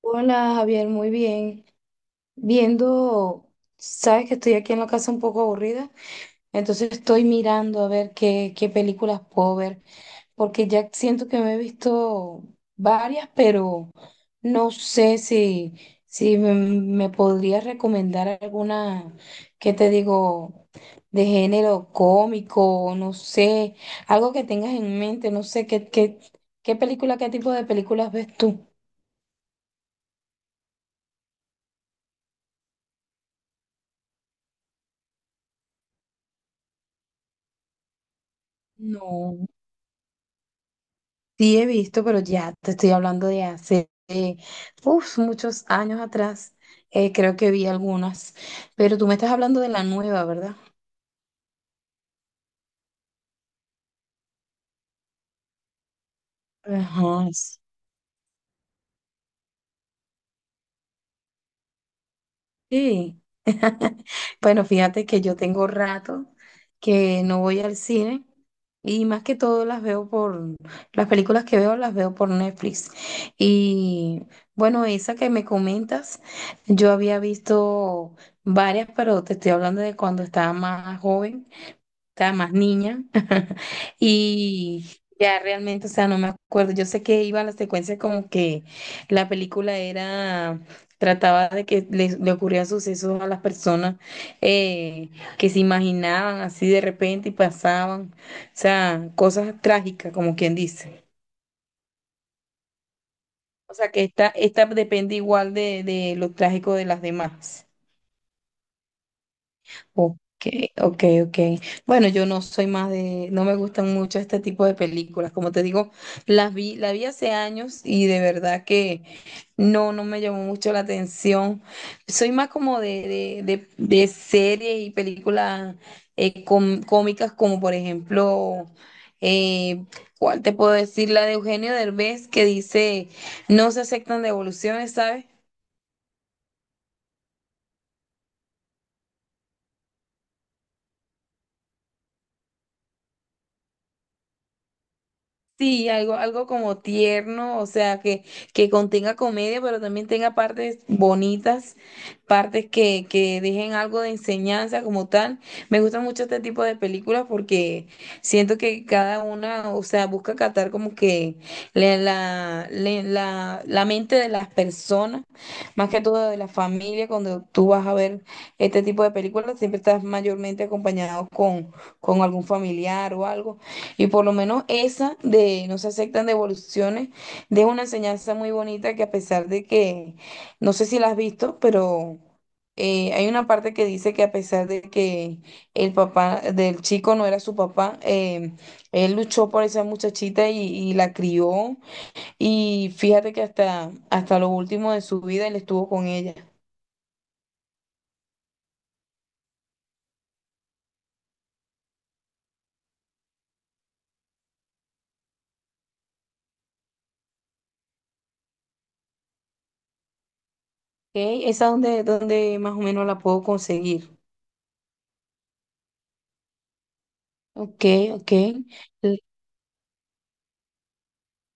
Hola Javier, muy bien. Viendo, sabes que estoy aquí en la casa un poco aburrida, entonces estoy mirando a ver qué películas puedo ver, porque ya siento que me he visto varias, pero no sé si, si me podrías recomendar alguna, qué te digo, de género cómico, no sé, algo que tengas en mente, no sé, qué película, qué tipo de películas ves tú. No. Sí, he visto, pero ya te estoy hablando de hace uf, muchos años atrás. Creo que vi algunas, pero tú me estás hablando de la nueva, ¿verdad? Ajá, sí. Bueno, fíjate que yo tengo rato que no voy al cine y más que todo las veo por, las películas que veo las veo por Netflix. Y bueno, esa que me comentas, yo había visto varias, pero te estoy hablando de cuando estaba más joven. Estaba más niña y ya realmente, o sea, no me acuerdo. Yo sé que iba a la secuencia como que la película era, trataba de que le ocurrían sucesos a las personas, eh, que se imaginaban así de repente y pasaban, o sea, cosas trágicas, como quien dice. O sea, que esta depende igual de lo trágico de las demás. Ok, ok, ok. Bueno, yo no soy más de, no me gustan mucho este tipo de películas. Como te digo, las vi, la vi hace años y de verdad que no me llamó mucho la atención. Soy más como de series y películas cómicas, como por ejemplo, eh, ¿cuál te puedo decir? La de Eugenio Derbez que dice, no se aceptan devoluciones, ¿sabes? Sí, algo como tierno, o sea, que contenga comedia, pero también tenga partes bonitas, partes que dejen algo de enseñanza como tal. Me gusta mucho este tipo de películas porque siento que cada una, o sea, busca captar como que la mente de las personas, más que todo de la familia, cuando tú vas a ver este tipo de películas, siempre estás mayormente acompañado con algún familiar o algo. Y por lo menos esa de no se aceptan devoluciones, deja una enseñanza muy bonita que a pesar de que, no sé si la has visto, pero hay una parte que dice que a pesar de que el papá del chico no era su papá, él luchó por esa muchachita y la crió. Y fíjate que hasta lo último de su vida él estuvo con ella. Ok, esa es donde, donde más o menos la puedo conseguir. Ok, ok.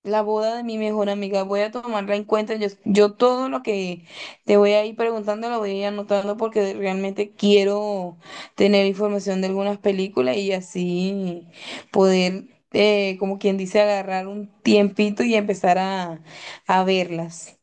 La boda de mi mejor amiga, voy a tomarla en cuenta. Yo todo lo que te voy a ir preguntando lo voy a ir anotando porque realmente quiero tener información de algunas películas y así poder, como quien dice, agarrar un tiempito y empezar a verlas.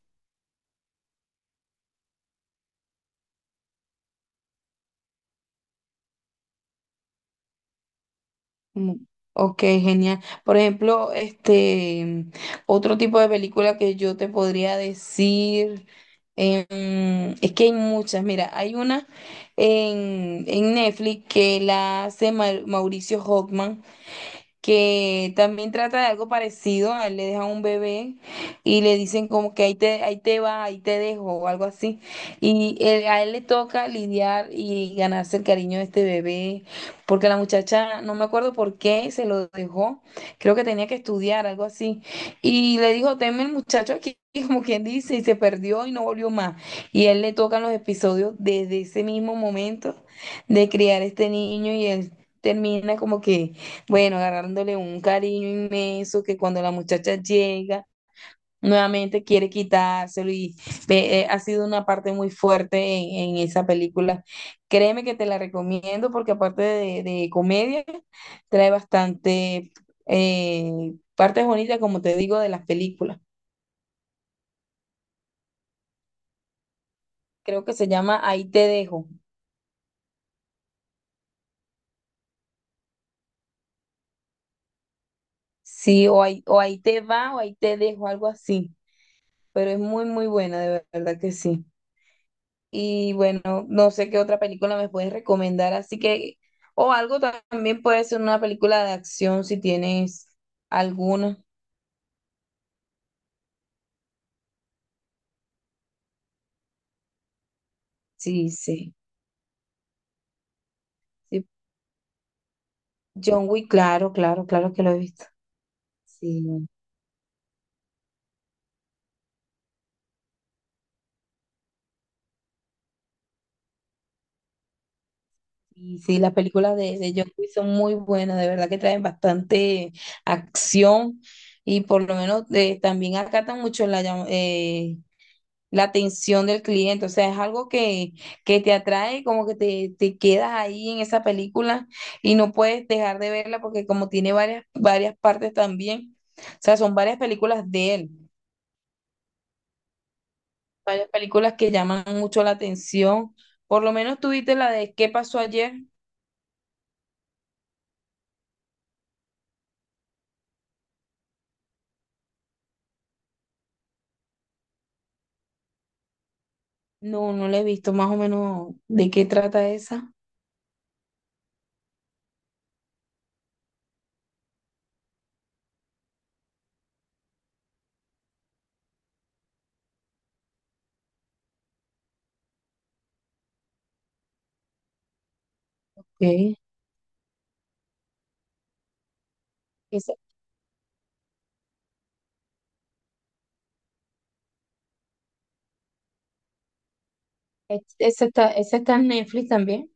Mm, ok, genial. Por ejemplo, este otro tipo de película que yo te podría decir, es que hay muchas. Mira, hay una en Netflix que la hace Mauricio Hockman que también trata de algo parecido, a él le dejan un bebé y le dicen como que ahí te va, ahí te dejo o algo así. Y a él le toca lidiar y ganarse el cariño de este bebé, porque la muchacha, no me acuerdo por qué, se lo dejó, creo que tenía que estudiar, algo así. Y le dijo, teme el muchacho aquí. Como quien dice, y se perdió y no volvió más. Y a él le tocan los episodios desde ese mismo momento de criar este niño y él termina como que bueno, agarrándole un cariño inmenso que cuando la muchacha llega, nuevamente quiere quitárselo y ha sido una parte muy fuerte en esa película. Créeme que te la recomiendo porque aparte de comedia, trae bastante eh, partes bonitas, como te digo, de las películas. Creo que se llama Ahí te dejo. Sí, o ahí te va o ahí te dejo, algo así. Pero es muy, muy buena, de verdad que sí. Y bueno, no sé qué otra película me puedes recomendar, así que, o algo también puede ser una película de acción si tienes alguna. Sí, sí. Sí. John Wick, claro, claro, claro que lo he visto. Sí, y sí, las películas de John Wick son muy buenas, de verdad que traen bastante acción y por lo menos también acatan mucho la, la atención del cliente, o sea, es algo que te atrae, como que te quedas ahí en esa película y no puedes dejar de verla porque como tiene varias, varias partes también, o sea, son varias películas de él, varias películas que llaman mucho la atención. Por lo menos tuviste la de ¿Qué pasó ayer? No, no la he visto, más o menos de qué trata esa. Ok. Esa, esa está en Netflix también.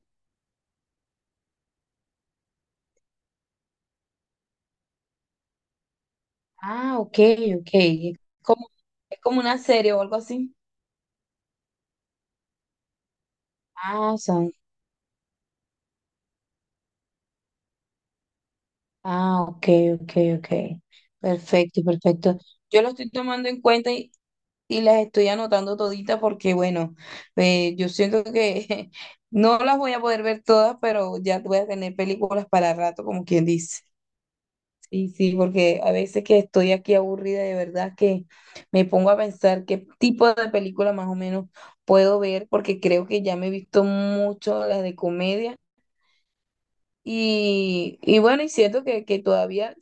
Ah, ok, ok. Como, es como una serie o algo así. Ah, o sea, ah, ok, ok, ok. Perfecto, perfecto. Yo lo estoy tomando en cuenta y las estoy anotando toditas porque, bueno, yo siento que no las voy a poder ver todas, pero ya voy a tener películas para rato, como quien dice. Sí, sí, porque a veces que estoy aquí aburrida, de verdad que me pongo a pensar qué tipo de película más o menos puedo ver, porque creo que ya me he visto mucho las de comedia y bueno, y siento que todavía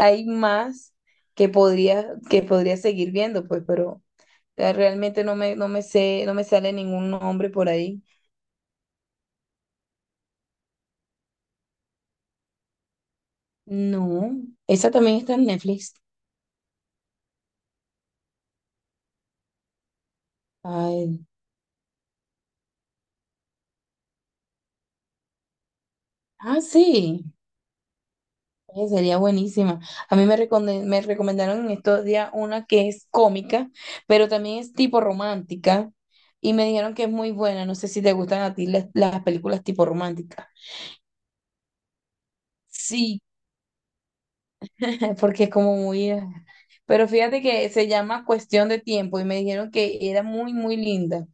hay más que podría seguir viendo, pues, pero realmente no me sé, no me sale ningún nombre por ahí. No, esa también está en Netflix. Ay, ah, sí, sería buenísima. A mí me recomendaron en estos días una que es cómica, pero también es tipo romántica. Y me dijeron que es muy buena. No sé si te gustan a ti las películas tipo románticas. Sí, porque es como muy... ah. Pero fíjate que se llama Cuestión de Tiempo y me dijeron que era muy, muy linda,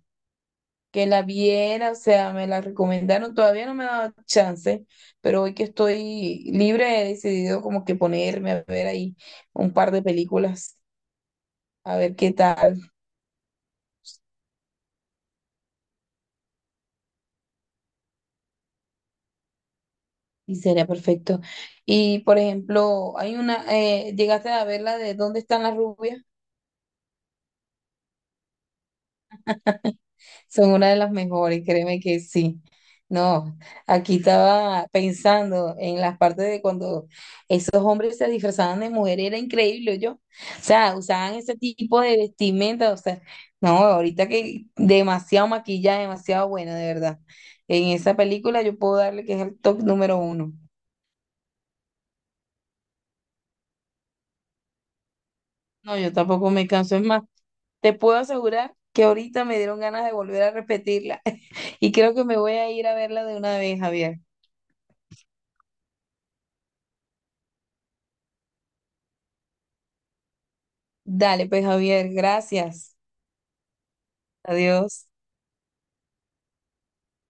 que la viera, o sea, me la recomendaron, todavía no me ha dado chance, pero hoy que estoy libre he decidido como que ponerme a ver ahí un par de películas, a ver qué tal, y sería perfecto. Y por ejemplo, hay una, llegaste a ver la de ¿Dónde están las rubias? Son una de las mejores, créeme que sí. No, aquí estaba pensando en las partes de cuando esos hombres se disfrazaban de mujer, era increíble, yo. O sea, usaban ese tipo de vestimenta, o sea, no, ahorita que demasiado maquillaje, demasiado bueno, de verdad. En esa película yo puedo darle que es el top número uno. No, yo tampoco me canso, es más, te puedo asegurar que ahorita me dieron ganas de volver a repetirla y creo que me voy a ir a verla de una vez, Javier. Dale, pues Javier, gracias. Adiós.